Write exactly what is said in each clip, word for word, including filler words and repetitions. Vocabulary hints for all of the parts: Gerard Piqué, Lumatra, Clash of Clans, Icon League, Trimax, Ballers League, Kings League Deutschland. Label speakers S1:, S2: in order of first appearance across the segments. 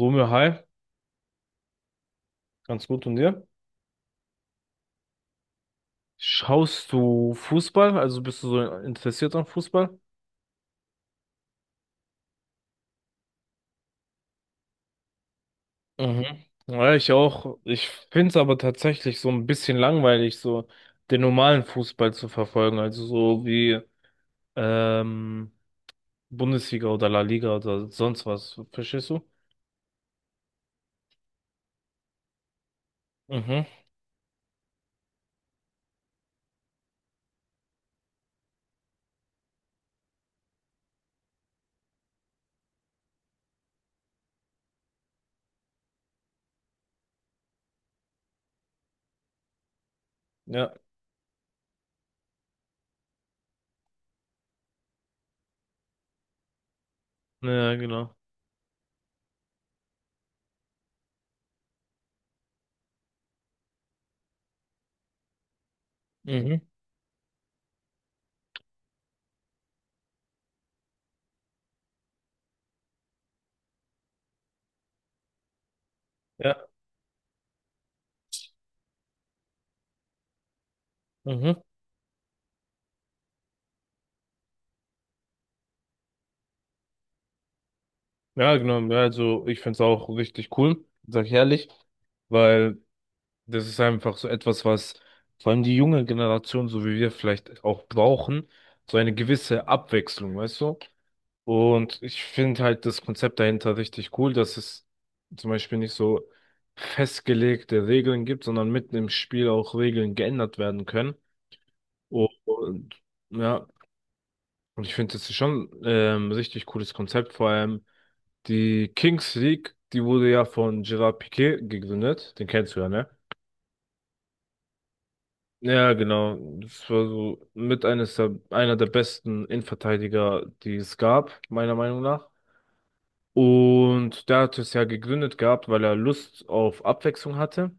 S1: Romeo, hi, ganz gut und dir? Schaust du Fußball? Also bist du so interessiert an Fußball? Mhm. Ja, ich auch. Ich finde es aber tatsächlich so ein bisschen langweilig, so den normalen Fußball zu verfolgen. Also so wie ähm, Bundesliga oder La Liga oder sonst was. Verstehst du? Mhm. Ja, ja, genau. Mhm. Ja, mhm. Ja, genau. Ja, also ich finde es auch richtig cool, sag ich ehrlich, weil. das ist einfach so etwas, was vor allem die junge Generation, so wie wir vielleicht auch brauchen, so eine gewisse Abwechslung, weißt du? Und ich finde halt das Konzept dahinter richtig cool, dass es zum Beispiel nicht so festgelegte Regeln gibt, sondern mitten im Spiel auch Regeln geändert werden können. Und ja, und ich finde, das ist schon ähm, richtig cooles Konzept, vor allem die Kings League, die wurde ja von Gerard Piqué gegründet, den kennst du ja, ne? Ja, genau. Das war so mit eines der, einer der besten Innenverteidiger, die es gab, meiner Meinung nach. Und der hat es ja gegründet gehabt, weil er Lust auf Abwechslung hatte,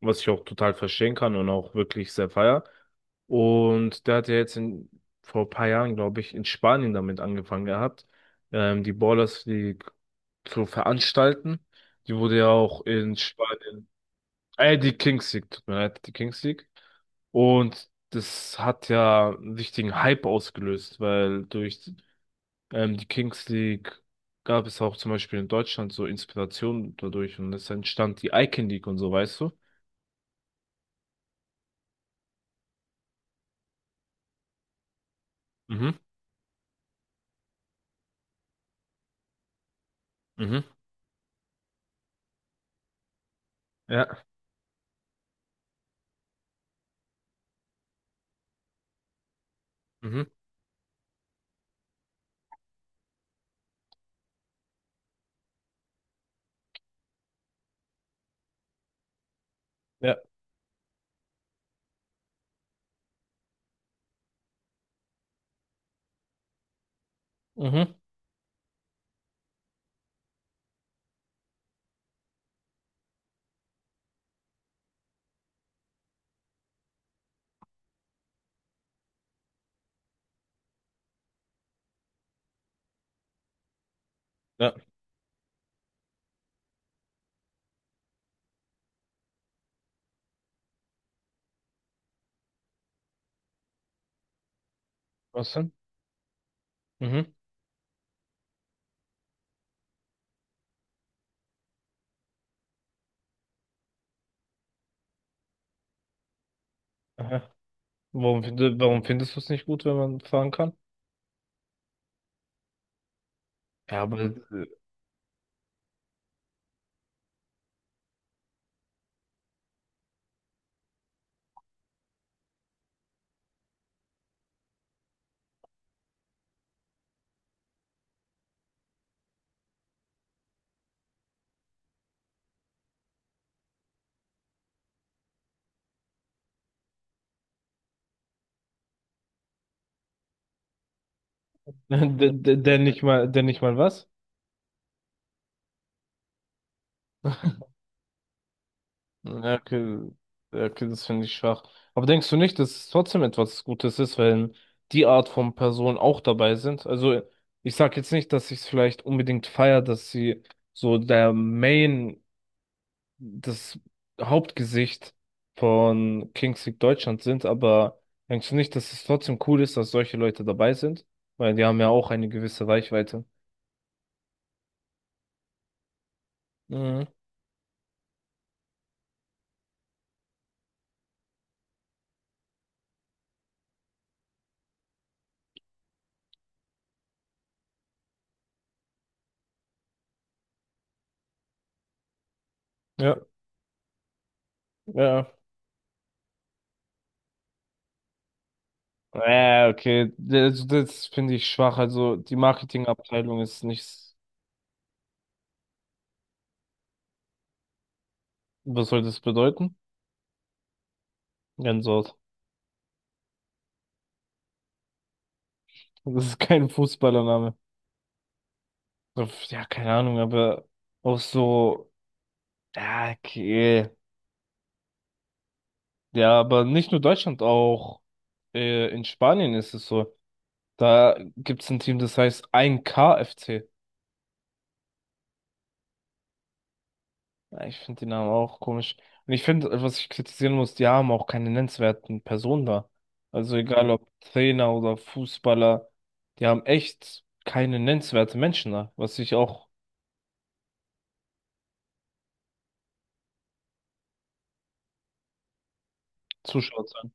S1: was ich auch total verstehen kann und auch wirklich sehr feier. Und der hat ja jetzt in, vor ein paar Jahren, glaube ich, in Spanien damit angefangen gehabt, ähm, die Ballers League zu veranstalten. Die wurde ja auch in Spanien äh, die Kings League, tut mir leid, die Kings League. Und das hat ja einen richtigen Hype ausgelöst, weil durch ähm, die Kings League gab es auch zum Beispiel in Deutschland so Inspiration dadurch, und es entstand die Icon League und so, weißt du? Mhm, mhm, ja, mhm. Ja. Mhm. Ja. Was denn? Mhm. Aha. Warum, find- warum findest du es nicht gut, wenn man fahren kann? Ja, aber äh, Der, der, der nicht mal, der nicht mal was? Ja, okay, ja, okay, das finde ich schwach. Aber denkst du nicht, dass es trotzdem etwas Gutes ist, wenn die Art von Personen auch dabei sind? Also, ich sag jetzt nicht, dass ich es vielleicht unbedingt feier, dass sie so der Main, das Hauptgesicht von Kings League Deutschland sind, aber denkst du nicht, dass es trotzdem cool ist, dass solche Leute dabei sind? Weil die haben ja auch eine gewisse Reichweite. Mhm. Ja, ja. Ja, okay, ja, das, das finde ich schwach. Also die Marketingabteilung ist nichts. Was soll das bedeuten? Gänsehaut. Das ist kein Fußballername. Ja, keine Ahnung, aber auch so. Ja, okay. Ja, aber nicht nur Deutschland, auch äh, in Spanien ist es so. Da gibt es ein Team, das heißt eins K F C. Ja, ich finde die Namen auch komisch. Und ich finde, was ich kritisieren muss, die haben auch keine nennenswerten Personen da. Also egal, mhm, ob Trainer oder Fußballer, die haben echt keine nennenswerten Menschen da, was ich auch zuschaut sein.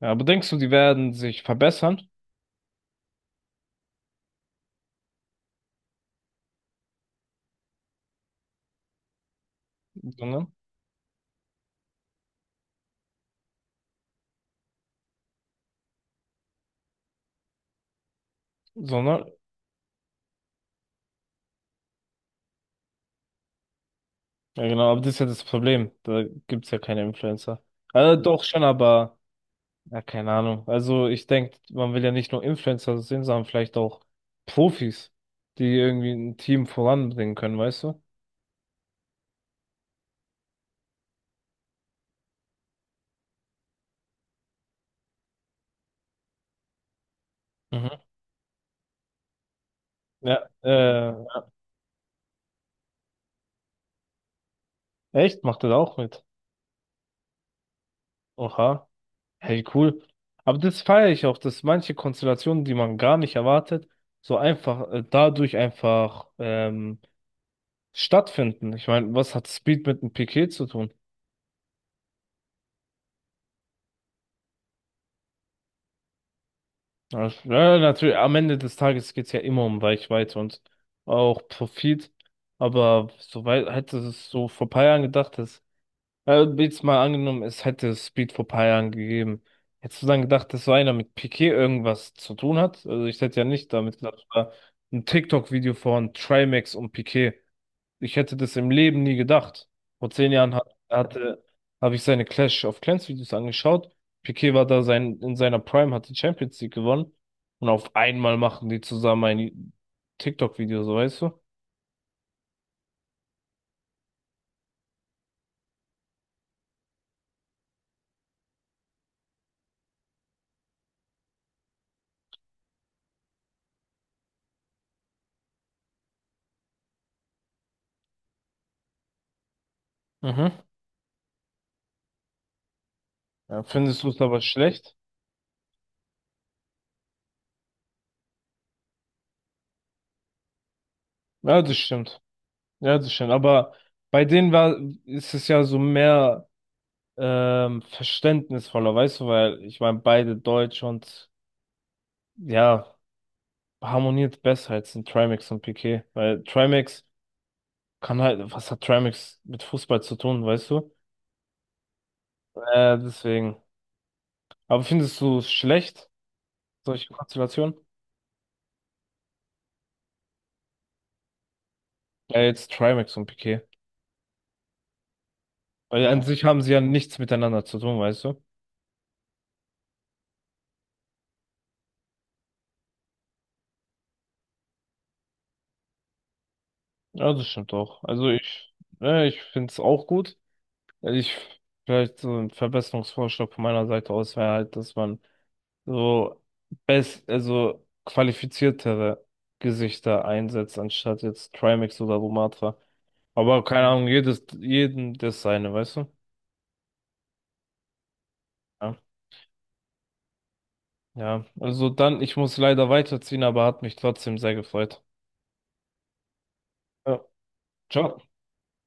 S1: Ja, aber denkst du, die werden sich verbessern? Sondern, sondern, ja genau, aber das ist ja das Problem. Da gibt's ja keine Influencer. Äh, mhm, doch schon, aber. Ja, keine Ahnung. Also ich denke, man will ja nicht nur Influencer sehen, sondern vielleicht auch Profis, die irgendwie ein Team voranbringen können, weißt du? Mhm. Ja, äh, echt, macht das auch mit. Oha, hey, cool. Aber das feiere ich auch, dass manche Konstellationen, die man gar nicht erwartet, so einfach, äh, dadurch einfach ähm, stattfinden. Ich meine, was hat Speed mit einem Piquet zu tun? Ja, ja, natürlich, am Ende des Tages geht's ja immer um Reichweite und auch Profit. Aber soweit hätte es so vor paar Jahren gedacht, dass, äh, jetzt mal angenommen, es hätte Speed vor paar Jahren gegeben. Hättest du dann gedacht, dass so einer mit Piqué irgendwas zu tun hat? Also ich hätte ja nicht damit gedacht, es war ein TikTok-Video von Trimax und Piqué, ich hätte das im Leben nie gedacht. Vor zehn Jahren hat, hatte, habe ich seine Clash of Clans Videos angeschaut. Piqué war da sein, in seiner Prime, hat die Champions League gewonnen. Und auf einmal machen die zusammen ein TikTok-Video, so weißt du? Mhm. Ja, findest du es aber schlecht? Ja, das stimmt. Ja, das stimmt. Aber bei denen war, ist es ja so mehr ähm, verständnisvoller, weißt du, weil ich meine, beide Deutsch und ja, harmoniert besser als in Trimax und Piqué. Weil Trimax kann halt, was hat Tramix mit Fußball zu tun, weißt du? Äh, deswegen. Aber findest du es schlecht, solche Konstellationen? Ja, jetzt Trimax und Piqué, weil an sich haben sie ja nichts miteinander zu tun, weißt du? Ja, das stimmt auch. Also ich, äh, ich finde es auch gut. Ich, vielleicht so ein Verbesserungsvorschlag von meiner Seite aus wäre halt, dass man so best, also qualifiziertere Gesichter einsetzt, anstatt jetzt Trimax oder Lumatra. Aber keine Ahnung, jedes, jeden das seine, weißt du? Ja. Ja, also dann, ich muss leider weiterziehen, aber hat mich trotzdem sehr gefreut. Ja. Ciao.